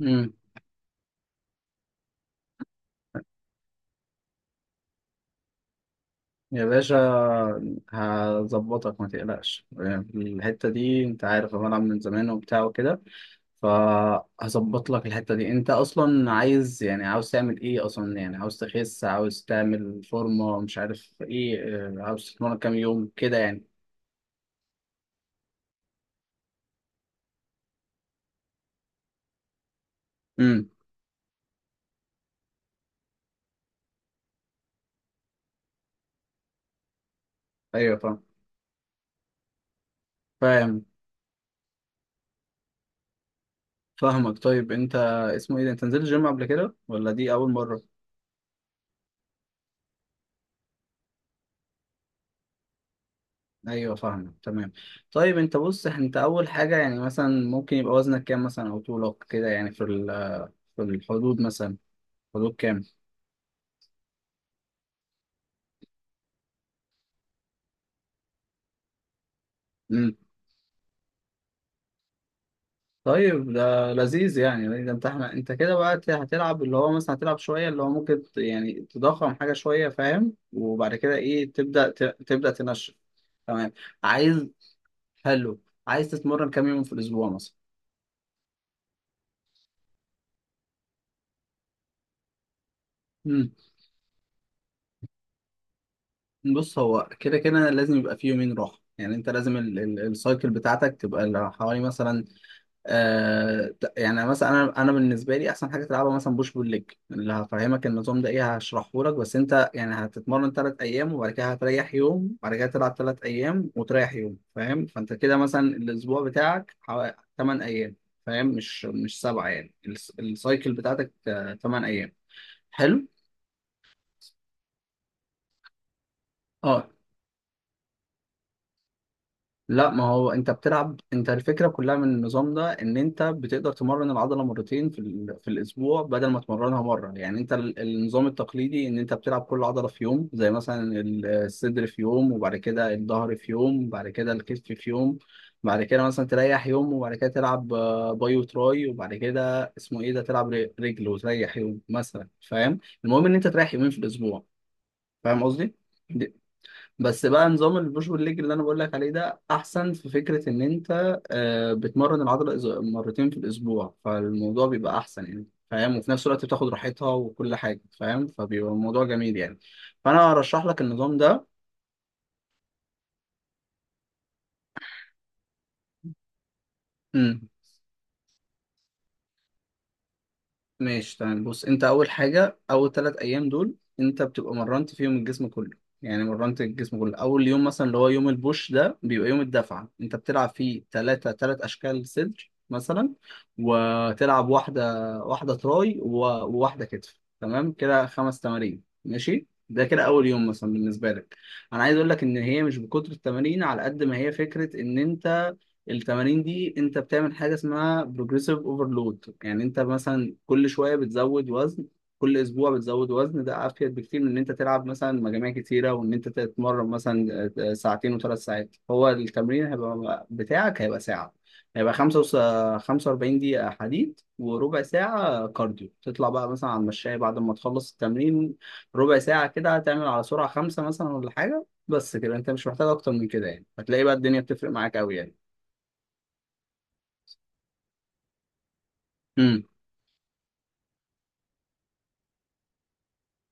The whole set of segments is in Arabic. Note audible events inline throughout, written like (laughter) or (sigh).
امم يا باشا، هظبطك ما تقلقش. الحتة دي انت عارف انا بلعب من زمان وبتاع وكده، فهظبط لك الحتة دي. انت اصلا عايز يعني عاوز تعمل ايه اصلا؟ يعني عاوز تخس، عاوز تعمل فورمة مش عارف ايه؟ اه، عاوز تتمرن كام يوم كده يعني؟ امم. ايوه فاهم. فاهم. فاهمك. طيب انت اسمه ايه ده، انت نزلت جيم قبل كده ولا دي اول مرة؟ ايوه فاهمك تمام. طيب انت بص، انت اول حاجه يعني مثلا ممكن يبقى وزنك كام مثلا او طولك كده يعني في الحدود مثلا، حدود كام؟ امم. طيب ده لذيذ يعني. ده انت احنا انت كده بقى هتلعب اللي هو مثلا هتلعب شويه اللي هو ممكن يعني تضخم حاجه شويه فاهم، وبعد كده ايه تبدا تبدا تنشف. تمام. عايز، حلو. عايز تتمرن كام يوم في الاسبوع مثلا؟ امم. بص هو كده كده لازم يبقى فيه يومين راحه يعني، انت لازم السايكل بتاعتك تبقى حوالي مثلا آه يعني مثلا، انا بالنسبه لي احسن حاجه تلعبها مثلا بوش بول ليج. اللي هفهمك النظام ده ايه هشرحه لك، بس انت يعني هتتمرن ثلاث ايام وبعد كده هتريح يوم وبعد كده تلعب ثلاث ايام وتريح يوم فاهم. فانت كده مثلا الاسبوع بتاعك حوالي 8 ايام. فاهم مش سبعه يعني السايكل بتاعتك 8 ايام. حلو. اه لا، ما هو انت بتلعب، انت الفكره كلها من النظام ده ان انت بتقدر تمرن العضله مرتين في الاسبوع بدل ما تمرنها مره. يعني انت النظام التقليدي ان انت بتلعب كل عضله في يوم زي مثلا الصدر في يوم وبعد كده الظهر في يوم وبعد كده الكتف في يوم. بعد كده مثلا تريح يوم وبعد كده تلعب باي وتراي وبعد كده اسمه ايه ده تلعب رجل وتريح يوم مثلا فاهم. المهم ان انت تريح يومين في الاسبوع. فاهم قصدي؟ بس بقى نظام البوش بول ليج اللي انا بقول لك عليه ده احسن، في فكره ان انت بتمرن العضله مرتين في الاسبوع فالموضوع بيبقى احسن يعني فاهم، وفي نفس الوقت بتاخد راحتها وكل حاجه فاهم، فبيبقى الموضوع جميل يعني. فانا ارشح لك النظام ده. مم. ماشي تمام. بص انت اول حاجه، اول ثلاث ايام دول انت بتبقى مرنت فيهم الجسم كله يعني مرنت الجسم كله. اول يوم مثلا اللي هو يوم البوش ده بيبقى يوم الدفعه، انت بتلعب فيه ثلاث اشكال صدر مثلا، وتلعب واحده، واحده تراي وواحده كتف. تمام كده خمس تمارين ماشي. ده كده اول يوم مثلا بالنسبه لك. انا عايز اقول لك ان هي مش بكتر التمارين على قد ما هي فكره ان انت التمارين دي انت بتعمل حاجه اسمها بروجريسيف اوفرلود، يعني انت مثلا كل شويه بتزود وزن، كل اسبوع بتزود وزن. ده افيد بكتير من ان انت تلعب مثلا مجاميع كتيره وان انت تتمرن مثلا ساعتين وثلاث ساعات. هو التمرين هيبقى بتاعك هيبقى ساعه، هيبقى خمسة وس... 45 دقيقة حديد وربع ساعة كارديو، تطلع بقى مثلا على المشاية بعد ما تخلص التمرين ربع ساعة كده، هتعمل على سرعة خمسة مثلا ولا حاجة. بس كده انت مش محتاج اكتر من كده يعني، هتلاقي بقى الدنيا بتفرق معاك قوي يعني. امم.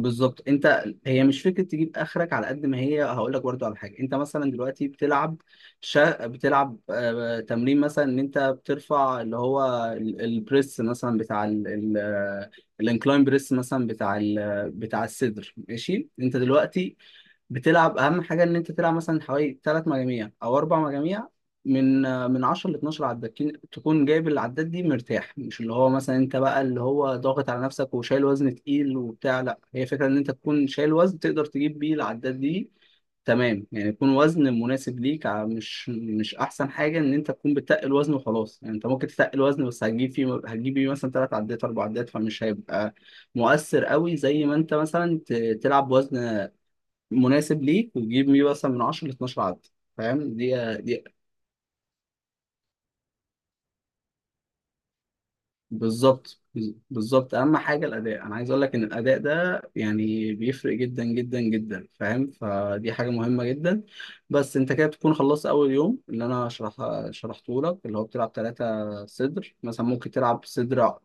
بالظبط، انت هي مش فكره تجيب اخرك على قد ما هي. هقول لك برضو على حاجه، انت مثلا دلوقتي بتلعب بتلعب تمرين مثلا ان انت بترفع اللي هو البريس مثلا بتاع ال... ال... آه، الانكلاين بريس مثلا بتاع ال... آه، بتاع الصدر ماشي. انت دلوقتي بتلعب اهم حاجه ان انت تلعب مثلا حوالي ثلاث مجاميع او اربع مجاميع، من من 10 ل 12 عداد، تكون جايب العداد دي مرتاح، مش اللي هو مثلا انت بقى اللي هو ضاغط على نفسك وشايل وزن تقيل وبتاع، لا، هي فكره ان انت تكون شايل وزن تقدر تجيب بيه العداد دي. تمام يعني يكون وزن مناسب ليك، مش احسن حاجه ان انت تكون بتتقل وزن وخلاص يعني. انت ممكن تتقل وزن بس هتجيب بيه مثلا ثلاث عدات اربع عدات، فمش هيبقى مؤثر قوي زي ما انت مثلا تلعب وزن مناسب ليك وتجيب ميه مثلا من 10 ل 12 عدد فاهم. دي بالظبط. بالظبط اهم حاجه الاداء، انا عايز اقول لك ان الاداء ده يعني بيفرق جدا جدا جدا فاهم، فدي حاجه مهمه جدا. بس انت كده بتكون خلصت اول يوم اللي انا شرحته لك، اللي هو بتلعب ثلاثه صدر مثلا، ممكن تلعب صدر.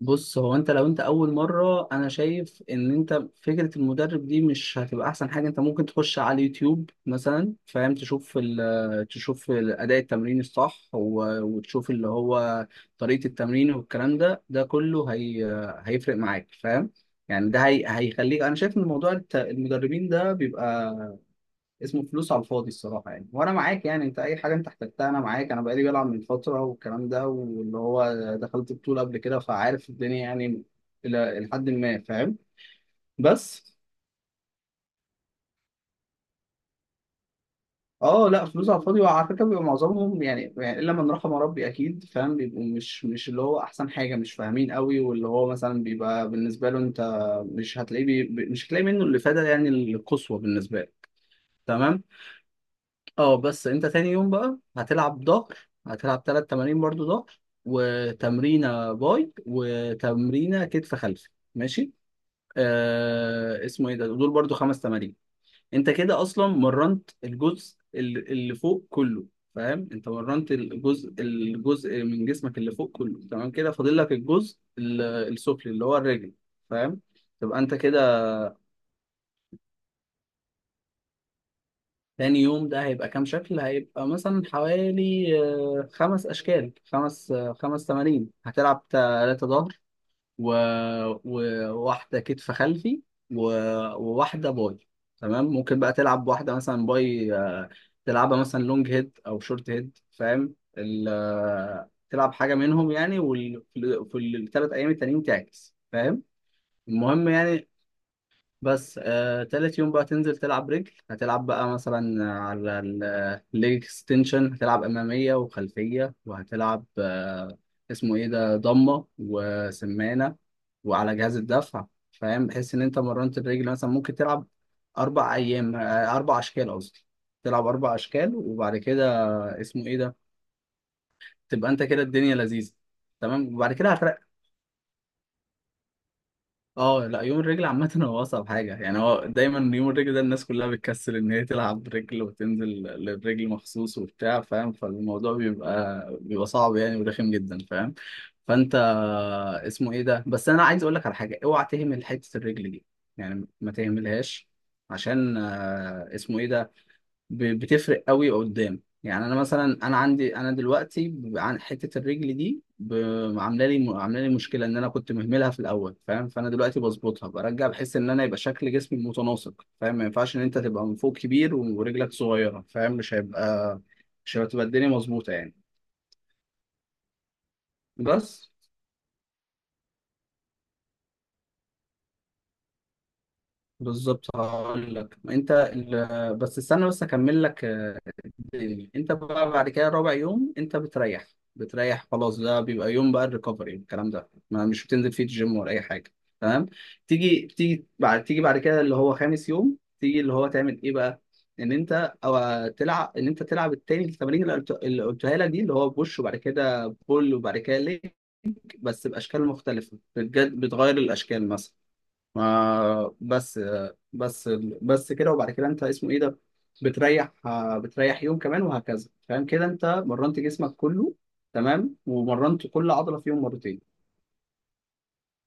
بص هو انت لو انت اول مره، انا شايف ان انت فكره المدرب دي مش هتبقى احسن حاجه. انت ممكن تخش على اليوتيوب مثلا فاهم، تشوف ال (hesitation) تشوف اداء التمرين الصح وتشوف اللي هو طريقه التمرين والكلام ده، ده كله هي هيفرق معاك فاهم. يعني ده هي هيخليك. انا شايف ان موضوع المدربين ده بيبقى اسمه فلوس على الفاضي الصراحة يعني. وأنا معاك يعني، أنت أي حاجة أنت احتجتها أنا معاك. أنا بقالي بلعب من فترة والكلام ده، واللي هو دخلت بطولة قبل كده فعارف الدنيا يعني، إلى حد ما فاهم. بس أه لا، فلوس على الفاضي. وعلى فكرة بيبقى معظمهم يعني، يعني إلا من رحم ربي أكيد فاهم، بيبقوا مش اللي هو أحسن حاجة، مش فاهمين قوي، واللي هو مثلا بيبقى بالنسبة له أنت مش هتلاقي منه الإفادة يعني القصوى بالنسبة له. تمام. اه بس انت تاني يوم بقى هتلعب ظهر، هتلعب تلات تمارين برضو ظهر وتمرينة باي وتمرينة كتف خلفي ماشي. آه اسمه ايه ده، دول برضو خمس تمارين. انت كده اصلا مرنت الجزء اللي فوق كله فاهم. انت مرنت الجزء من جسمك اللي فوق كله تمام كده، فاضل لك الجزء السفلي اللي هو الرجل فاهم. تبقى انت كده. تاني يوم ده هيبقى كام شكل؟ هيبقى مثلا حوالي خمس أشكال، خمس تمارين. هتلعب تلاتة ظهر و... وواحدة كتف خلفي و... وواحدة باي. تمام. ممكن بقى تلعب واحدة مثلا باي تلعبها مثلا لونج هيد أو شورت هيد فاهم، ال... آه، تلعب حاجة منهم يعني. في الثلاث أيام التانيين تعكس فاهم. المهم يعني. بس تالت يوم بقى تنزل تلعب رجل، هتلعب بقى مثلا على الليج اكستنشن، هتلعب أمامية وخلفية، وهتلعب اسمه ايه ده ضمة وسمانة وعلى جهاز الدفع فاهم، بحيث ان انت مرنت الرجل. مثلا ممكن تلعب أربع أيام آه، أربع أشكال قصدي. تلعب أربع أشكال وبعد كده اسمه ايه ده، تبقى انت كده الدنيا لذيذة تمام. وبعد كده هتريح. اه لا، يوم الرجل عامة هو أصعب حاجة يعني. هو دايما يوم الرجل ده الناس كلها بتكسل إن هي تلعب رجل وتنزل للرجل مخصوص وبتاع فاهم، فالموضوع بيبقى صعب يعني ورخم جدا فاهم. فأنت اسمه إيه ده، بس أنا عايز أقول لك على حاجة، أوعى تهمل حتة الرجل دي يعني، ما تهملهاش، عشان اسمه إيه ده بتفرق قوي قدام يعني. انا مثلا انا عندي انا دلوقتي عن حته الرجل دي عامله لي مشكله ان انا كنت مهملها في الاول فاهم، فانا دلوقتي بظبطها برجع بحس ان انا يبقى شكل جسمي متناسق فاهم، ما ينفعش ان انت تبقى من فوق كبير ورجلك صغيره فاهم، مش هتبقى الدنيا مظبوطه يعني. بس بالظبط هقول لك. انت بس استنى بس اكمل لك تاني. انت بقى بعد كده رابع يوم انت بتريح، بتريح خلاص. ده بيبقى يوم بقى الريكفري، الكلام ده ما مش بتنزل فيه الجيم ولا اي حاجه تمام. تيجي بعد كده اللي هو خامس يوم تيجي اللي هو تعمل ايه بقى؟ ان انت تلعب التمارين اللي قلتها لك دي، اللي هو بوش وبعد كده بول وبعد كده ليك، بس باشكال مختلفه. بتغير الاشكال مثلا. ما بس بس بس كده. وبعد كده انت اسمه ايه ده بتريح، بتريح يوم كمان وهكذا فاهم. كده انت مرنت جسمك كله تمام، ومرنت كل عضلة فيهم مرتين.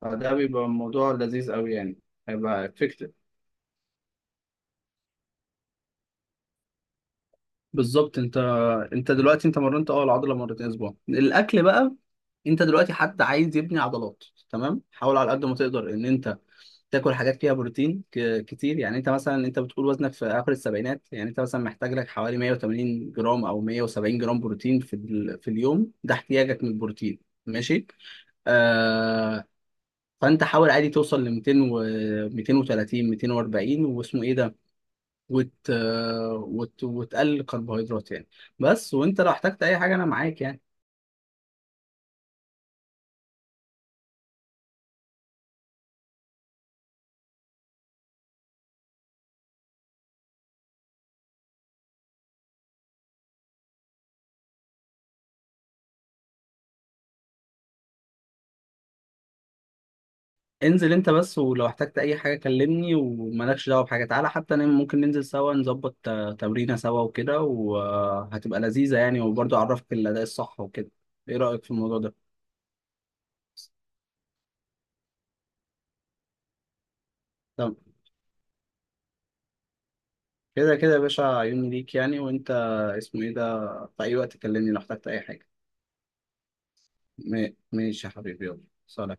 فده بيبقى الموضوع لذيذ قوي يعني، هيبقى افكتيف. بالظبط. انت دلوقتي انت مرنت اه العضلة مرتين اسبوع. الاكل بقى، انت دلوقتي حد عايز يبني عضلات تمام، حاول على قد ما تقدر ان انت تاكل حاجات فيها بروتين كتير يعني. انت مثلا انت بتقول وزنك في اخر السبعينات، يعني انت مثلا محتاج لك حوالي 180 جرام او 170 جرام بروتين في اليوم. ده احتياجك من البروتين ماشي آه. فانت حاول عادي توصل ل 200 و 230 240 واسمه ايه ده، وتقلل الكربوهيدرات يعني بس. وانت لو احتجت اي حاجه انا معاك يعني. انزل انت بس، ولو احتجت اي حاجه كلمني ومالكش دعوه بحاجه، تعالى حتى انا ممكن ننزل سوا نظبط تمرينه سوا وكده وهتبقى لذيذه يعني، وبرضه اعرفك الاداء الصح وكده. ايه رايك في الموضوع ده؟ تمام. كده كده يا باشا عيوني ليك يعني. وانت اسمه ايه ده في اي وقت كلمني لو احتجت اي حاجه. ماشي يا حبيبي، يلا سلام.